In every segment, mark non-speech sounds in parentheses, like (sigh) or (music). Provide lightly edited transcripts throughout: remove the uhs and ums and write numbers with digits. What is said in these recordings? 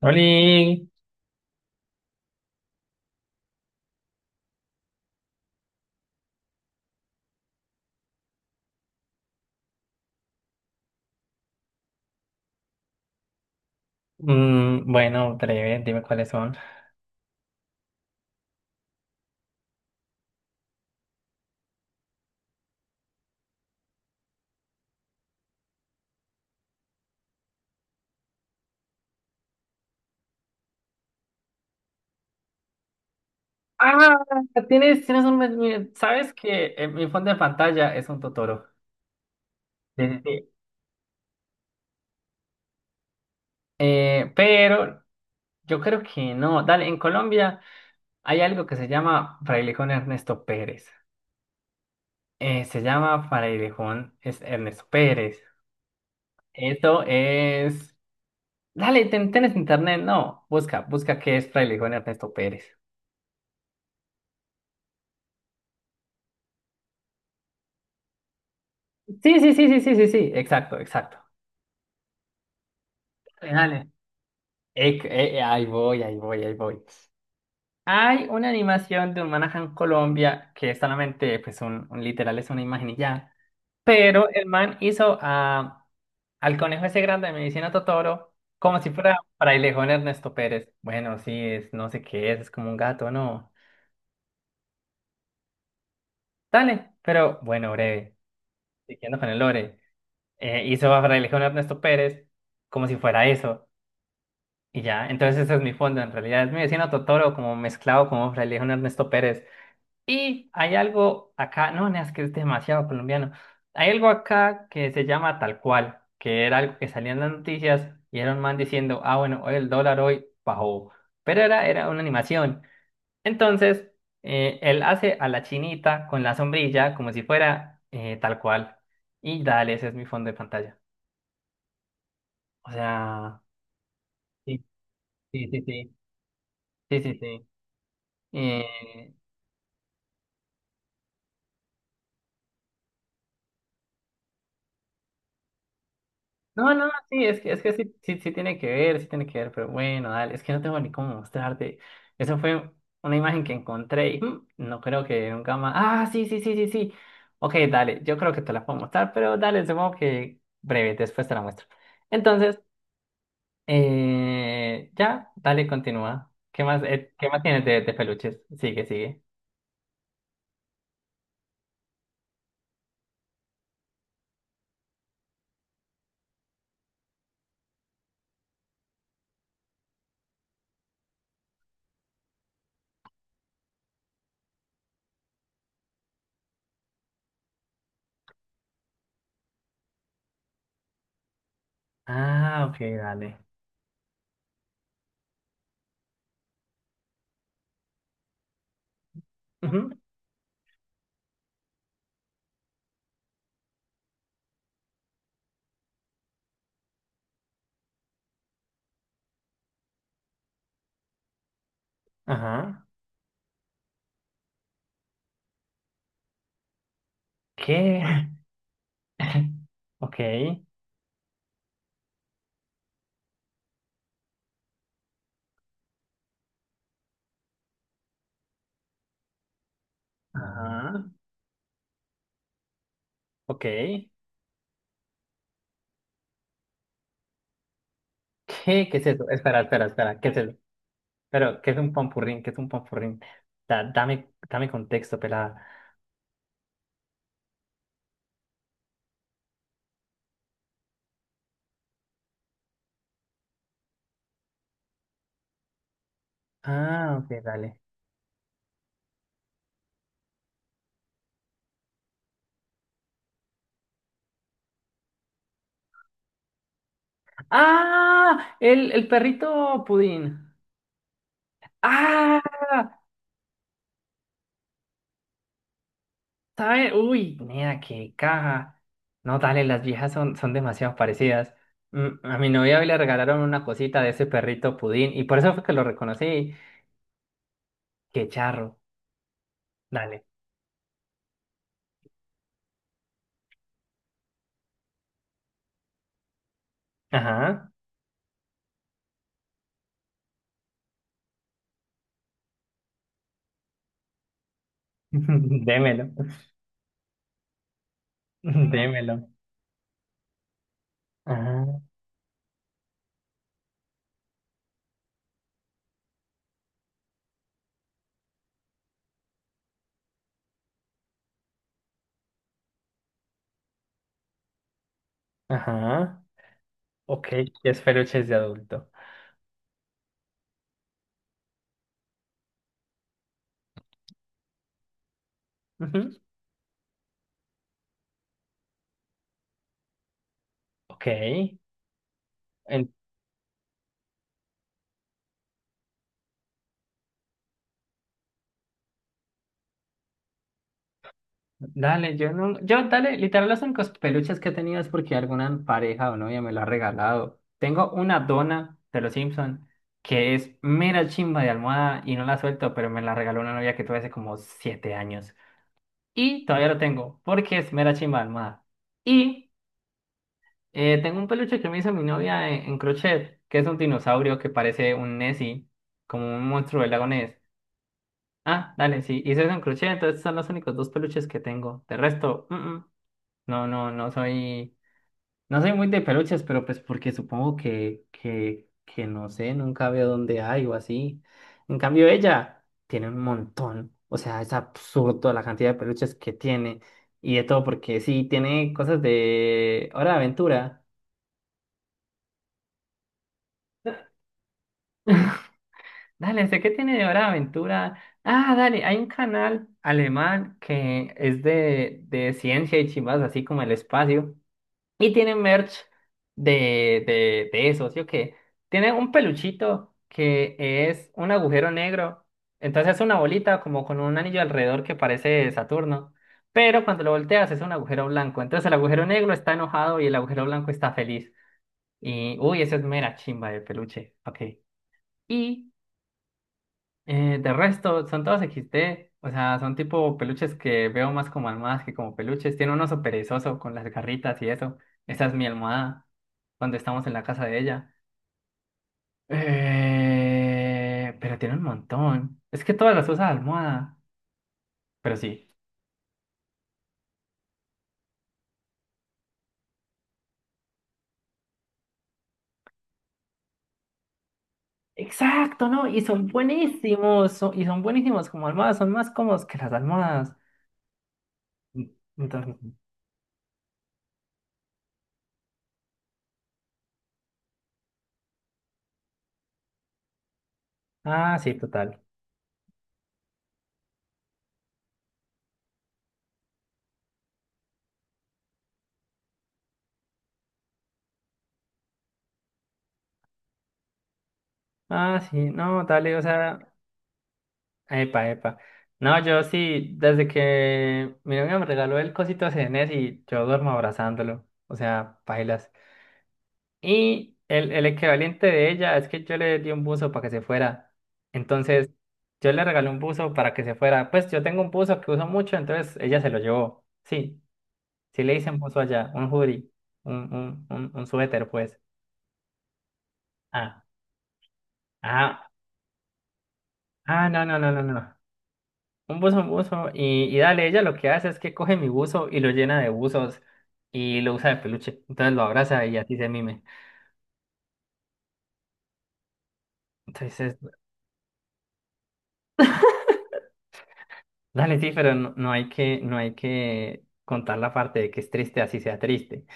Oli, mm, bueno, breve, dime cuáles son. Ah, tienes un, sabes que mi fondo de pantalla es un Totoro. Sí, sí, sí. Pero yo creo que no. Dale, en Colombia hay algo que se llama Frailejón Ernesto Pérez. Se llama Frailejón es Ernesto Pérez. Esto es. Dale, tienes internet, no. Busca, busca qué es Frailejón Ernesto Pérez. Sí, sí, sí, sí, sí, sí, sí. Exacto, exacto. Dale. Ahí voy, ahí voy, ahí voy. Hay una animación de un Manahan Colombia que es solamente, pues, un literal es una imagen y ya. Pero el man hizo a, al conejo ese grande de Medicina Totoro como si fuera frailejón Ernesto Pérez. Bueno, sí, es, no sé qué es como un gato, ¿no? Dale, pero bueno, breve. Siguiendo con el lore. Hizo a frailejón Ernesto Pérez como si fuera eso. Y ya, entonces ese es mi fondo. En realidad es Medicina Totoro como mezclado como frailejón Ernesto Pérez. Y hay algo acá, no, no, es que es demasiado colombiano. Hay algo acá que se llama tal cual, que era algo que salía en las noticias y era un man diciendo, ah, bueno, hoy el dólar hoy bajó. Pero era, una animación. Entonces, él hace a la chinita con la sombrilla como si fuera tal cual. Y dale, ese es mi fondo de pantalla. O sea, sí, sí, sí, sí, sí, sí, sí. Eh, no, no, sí, es que sí, sí, sí tiene que ver, sí tiene que ver, pero bueno, dale, es que no tengo ni cómo mostrarte. Eso fue una imagen que encontré y mm, no creo que nunca más. Ah, sí, sí, sí, sí, sí. Ok, dale, yo creo que te la puedo mostrar, pero dale, supongo que breve, después te la muestro. Entonces, ya, dale, continúa. Qué más tienes de peluches? Sigue, sigue. Ah, ok, dale. Ujú. Ajá, ¿qué? (laughs) Ok, ajá, ok. ¿Qué? ¿Qué es eso? Espera, espera, espera. ¿Qué es eso? Pero, ¿qué es un pampurrín? ¿Qué es un pampurrín? Dame, dame contexto, pelada. Ah, ok, dale. ¡Ah! El perrito pudín. ¡Ah! ¿Sabe? Uy, nena, qué caja. No, dale, las viejas son demasiado parecidas. Mm, a mi novia hoy le regalaron una cosita de ese perrito pudín y por eso fue que lo reconocí. ¡Qué charro! Dale. Ajá. (laughs) Démelo. Démelo. Ajá. Ajá. Ok, ya es peluches de adulto. Ujú, ok. En- Dale, yo no. Yo, dale, literal, los únicos peluches que he tenido es porque alguna pareja o novia me lo ha regalado. Tengo una dona de los Simpson que es mera chimba de almohada y no la suelto, pero me la regaló una novia que tuve hace como 7 años. Y todavía lo tengo porque es mera chimba de almohada. Y tengo un peluche que me hizo mi novia en crochet, que es un dinosaurio que parece un Nessie, como un monstruo del lago. Ah, dale, sí. Y soy un crochet, entonces son los únicos dos peluches que tengo. De resto, mm, mm. No, no, no soy. No soy muy de peluches, pero pues porque supongo que no sé, nunca veo dónde hay o así. En cambio, ella tiene un montón. O sea, es absurdo la cantidad de peluches que tiene. Y de todo, porque sí, tiene cosas de Hora de Aventura. Dale, sé que tiene de Hora de Aventura. Ah, dale, hay un canal alemán que es de ciencia y chimbas, así como el espacio. Y tiene merch de eso, ¿sí o qué? Tiene un peluchito que es un agujero negro. Entonces es una bolita como con un anillo alrededor que parece Saturno. Pero cuando lo volteas es un agujero blanco. Entonces el agujero negro está enojado y el agujero blanco está feliz. Y, uy, eso es mera chimba de peluche. Ok. Y de resto, son todos XD, o sea, son tipo peluches que veo más como almohadas que como peluches. Tiene un oso perezoso con las garritas y eso. Esa es mi almohada, cuando estamos en la casa de ella. Pero tiene un montón. Es que todas las usa de almohada, pero sí. Exacto, ¿no? Y son buenísimos, son- y son buenísimos como almohadas, son más cómodos que las almohadas. Entonces, ah, sí, total. Ah, sí, no, dale, o sea. Epa, epa. No, yo sí, desde que mi novia me regaló el cosito CNS y yo duermo abrazándolo. O sea, pailas. Y el equivalente de ella es que yo le di un buzo para que se fuera. Entonces, yo le regalé un buzo para que se fuera. Pues yo tengo un buzo que uso mucho, entonces ella se lo llevó. Sí, sí le hice un buzo allá, un hoodie, un suéter, pues. Ah, ah, ah, no, no, no, no, no. Un buzo, un buzo. Y dale, ella lo que hace es que coge mi buzo y lo llena de buzos y lo usa de peluche. Entonces lo abraza y así se mime. Entonces, dale, sí, pero no, no hay que, no hay que contar la parte de que es triste, así sea triste.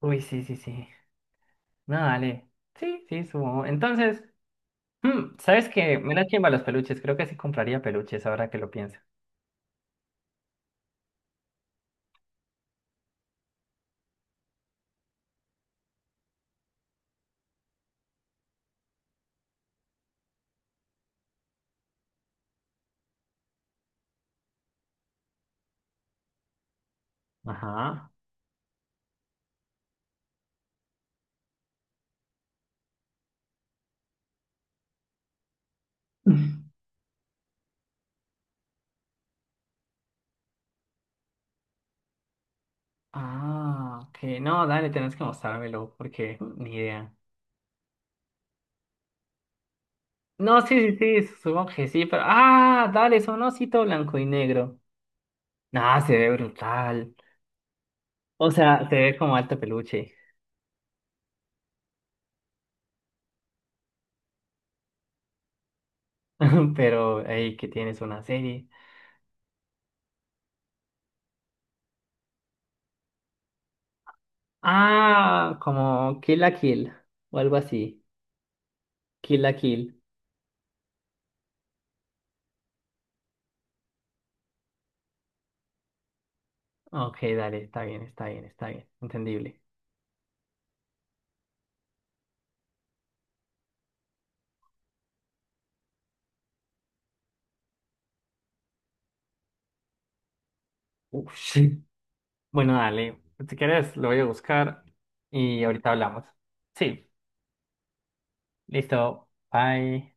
Uy, sí, sí, sí. No, dale. Sí, sí, subo. Entonces, mm, ¿sabes qué? Me la chimba los peluches. Creo que sí compraría peluches ahora que lo pienso. Ajá. (laughs) Ah, ok. No, dale, tenés que mostrármelo porque ni idea. No, sí, sí, sí, supongo que sí, pero. Ah, dale, son osito blanco y negro. Nah, se ve brutal. O sea, se ve como alto peluche. (laughs) Pero, hey, que tienes una serie. Ah, como Kill la Kill o algo así. Kill la Kill. Ok, dale, está bien, está bien, está bien. Entendible. Uf, sí. Bueno, dale. Si quieres, lo voy a buscar y ahorita hablamos. Sí, listo. Bye.